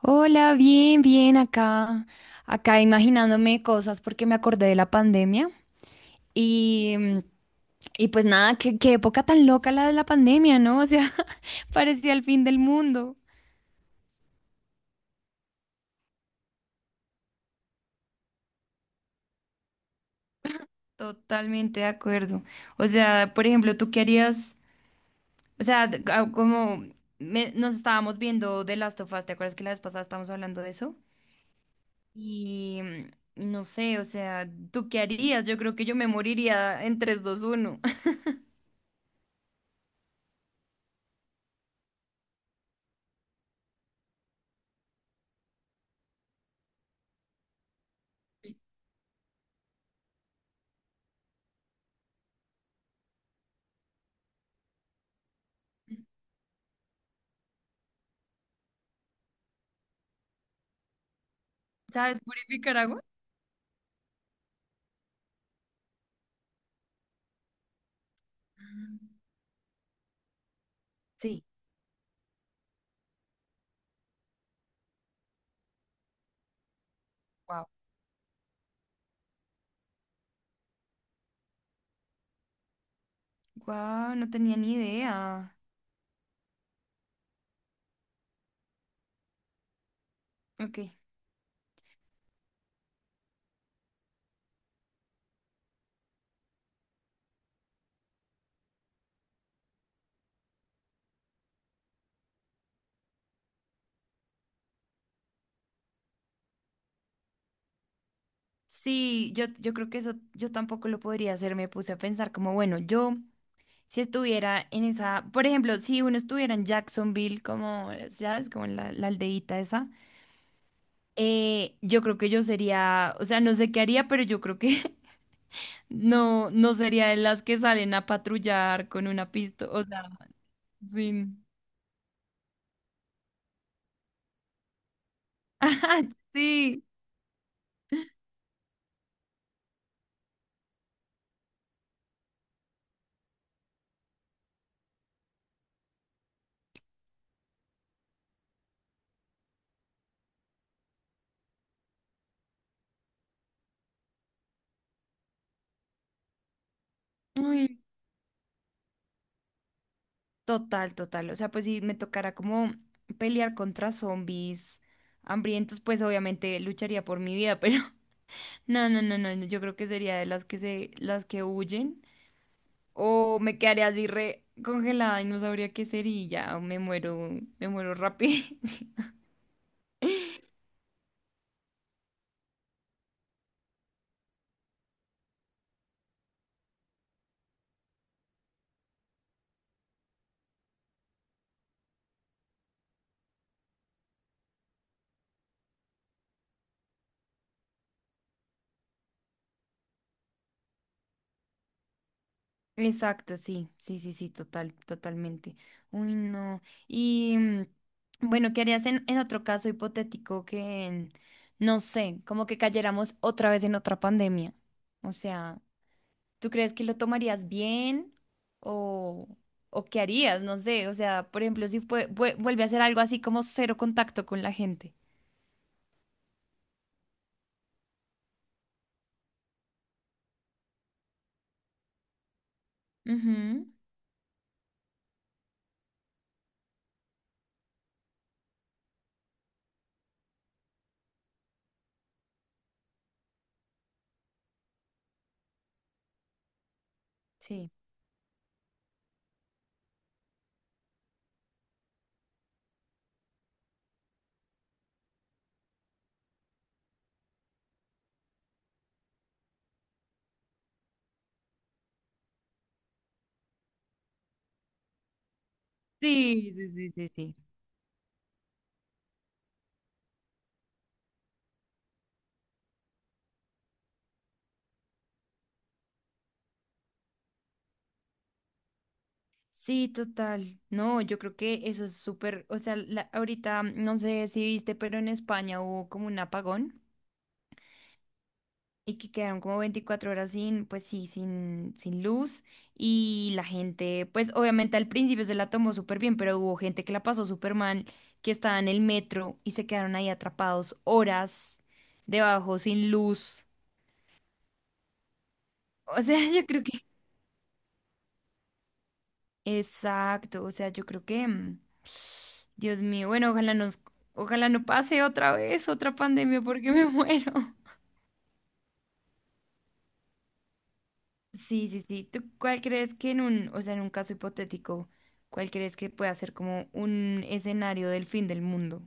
Hola, bien, bien, acá, acá imaginándome cosas porque me acordé de la pandemia y, y pues nada, qué época tan loca la de la pandemia, ¿no? O sea, parecía el fin del mundo. Totalmente de acuerdo. O sea, por ejemplo, ¿tú qué harías? O sea, como nos estábamos viendo de Last of Us, ¿te acuerdas que la vez pasada estábamos hablando de eso? Y y no sé, o sea, ¿tú qué harías? Yo creo que yo me moriría en tres, dos, uno. ¿Sabes purificar agua? Sí. Wow. Wow, no tenía ni idea. Ok. Sí, yo creo que eso yo tampoco lo podría hacer. Me puse a pensar como, bueno, yo si estuviera en esa, por ejemplo, si uno estuviera en Jacksonville, como, ¿sabes? Como en la aldeíta esa, yo creo que yo sería, o sea, no sé qué haría, pero yo creo que no sería de las que salen a patrullar con una pistola, o sea, sin... Sí. Uy. Total, total. O sea, pues si me tocara como pelear contra zombies hambrientos, pues obviamente lucharía por mi vida, pero no, no, no, no. no, yo creo que sería de las que se, las que huyen. O me quedaría así re congelada y no sabría qué ser y ya me muero rápido. Exacto, sí, sí, sí, sí, total, totalmente. Uy, no. Y bueno, ¿qué harías en otro caso hipotético que, no sé, como que cayéramos otra vez en otra pandemia? O sea, ¿tú crees que lo tomarías bien o, o qué harías? No sé, o sea, por ejemplo, si vuelve a hacer algo así como cero contacto con la gente. Ujú. Sí. Sí, sí, sí, sí, sí. Sí, total. No, yo creo que eso es súper, o sea, la- ahorita no sé si viste, pero en España hubo como un apagón y que quedaron como 24 horas sin, pues sí, sin, sin luz y la gente, pues obviamente al principio se la tomó súper bien, pero hubo gente que la pasó súper mal, que estaba en el metro y se quedaron ahí atrapados horas debajo sin luz. O sea, yo creo que... Exacto, o sea, yo creo que... Dios mío, bueno, ojalá nos, ojalá no pase otra vez otra pandemia porque me muero. Sí, sí, sí. ¿Tú cuál crees que en un, o sea, en un caso hipotético, cuál crees que pueda ser como un escenario del fin del mundo?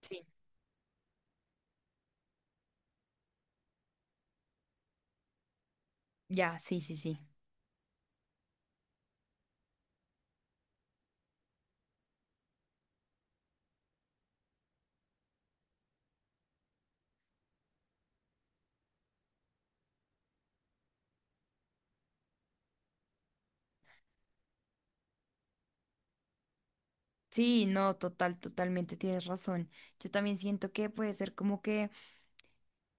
Sí. Ya, sí, sí, sí. Sí, no, total, totalmente tienes razón. Yo también siento que puede ser como que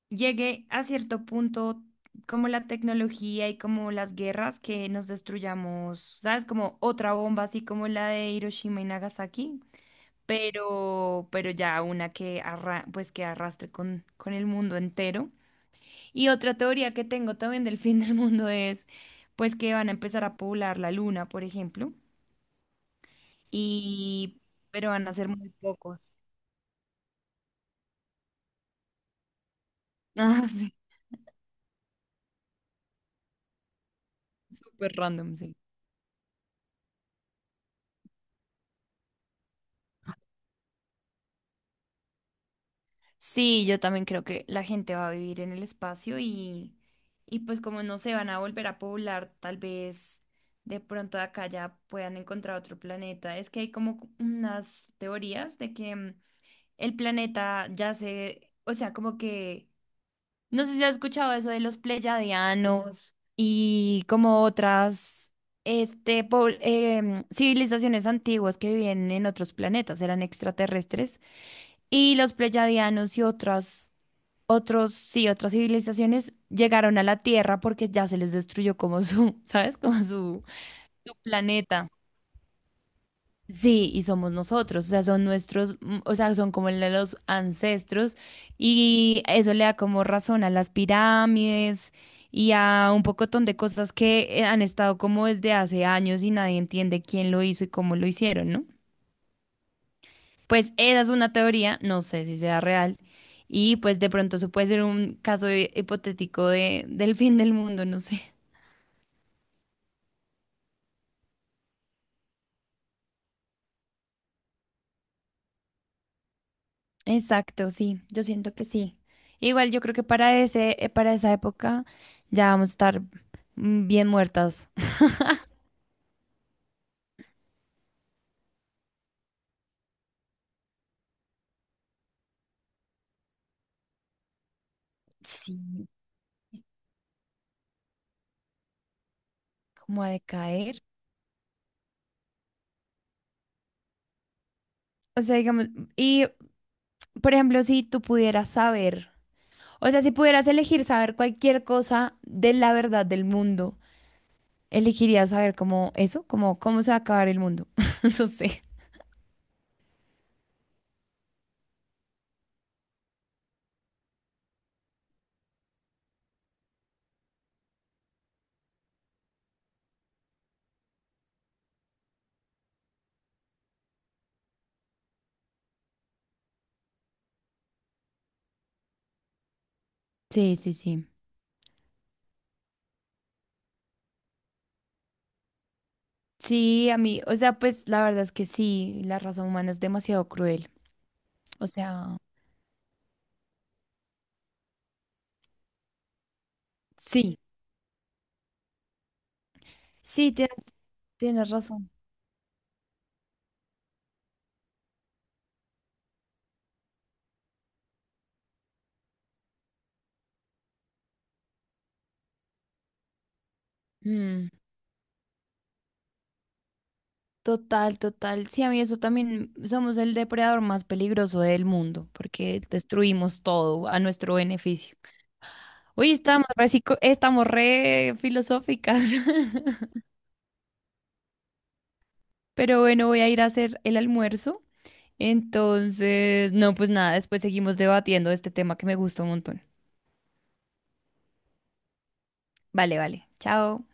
llegue a cierto punto como la tecnología y como las guerras que nos destruyamos, ¿sabes? Como otra bomba así como la de Hiroshima y Nagasaki, pero ya una que, arra- pues que arrastre con el mundo entero. Y otra teoría que tengo también del fin del mundo es, pues que van a empezar a poblar la luna, por ejemplo, y, pero van a ser muy pocos. Ah, sí, súper random, sí. Sí, yo también creo que la gente va a vivir en el espacio y pues como no se van a volver a poblar, tal vez de pronto de acá ya puedan encontrar otro planeta. Es que hay como unas teorías de que el planeta ya se, o sea, como que, no sé si has escuchado eso de los pleyadianos y como otras, este, civilizaciones antiguas que vivían en otros planetas, eran extraterrestres, y los pleyadianos y otras, otros, sí, otras civilizaciones llegaron a la Tierra porque ya se les destruyó como su, ¿sabes? Como su planeta. Sí, y somos nosotros, o sea, son nuestros, o sea, son como la- los ancestros y eso le da como razón a las pirámides y a un pocotón de cosas que han estado como desde hace años y nadie entiende quién lo hizo y cómo lo hicieron, ¿no? Pues esa es una teoría, no sé si sea real y pues de pronto eso puede ser un caso hipotético de, del fin del mundo, no sé. Exacto, sí, yo siento que sí. Igual yo creo que para ese, para esa época ya vamos a estar bien muertas. Sí, como a decaer. O sea, digamos, y por ejemplo, si tú pudieras saber, o sea, si pudieras elegir saber cualquier cosa de la verdad del mundo, elegirías saber como eso, como cómo se va a acabar el mundo. No sé. Sí, sí, sí. Sí, a mí, o sea, pues la verdad es que sí, la raza humana es demasiado cruel. O sea, sí. Sí, tienes, tienes razón. Mm, total, total. Sí, a mí eso también somos el depredador más peligroso del mundo porque destruimos todo a nuestro beneficio. Hoy estamos re, estamos re filosóficas. Pero bueno, voy a ir a hacer el almuerzo. Entonces, no, pues nada, después seguimos debatiendo este tema que me gusta un montón. Vale, vale. Chao.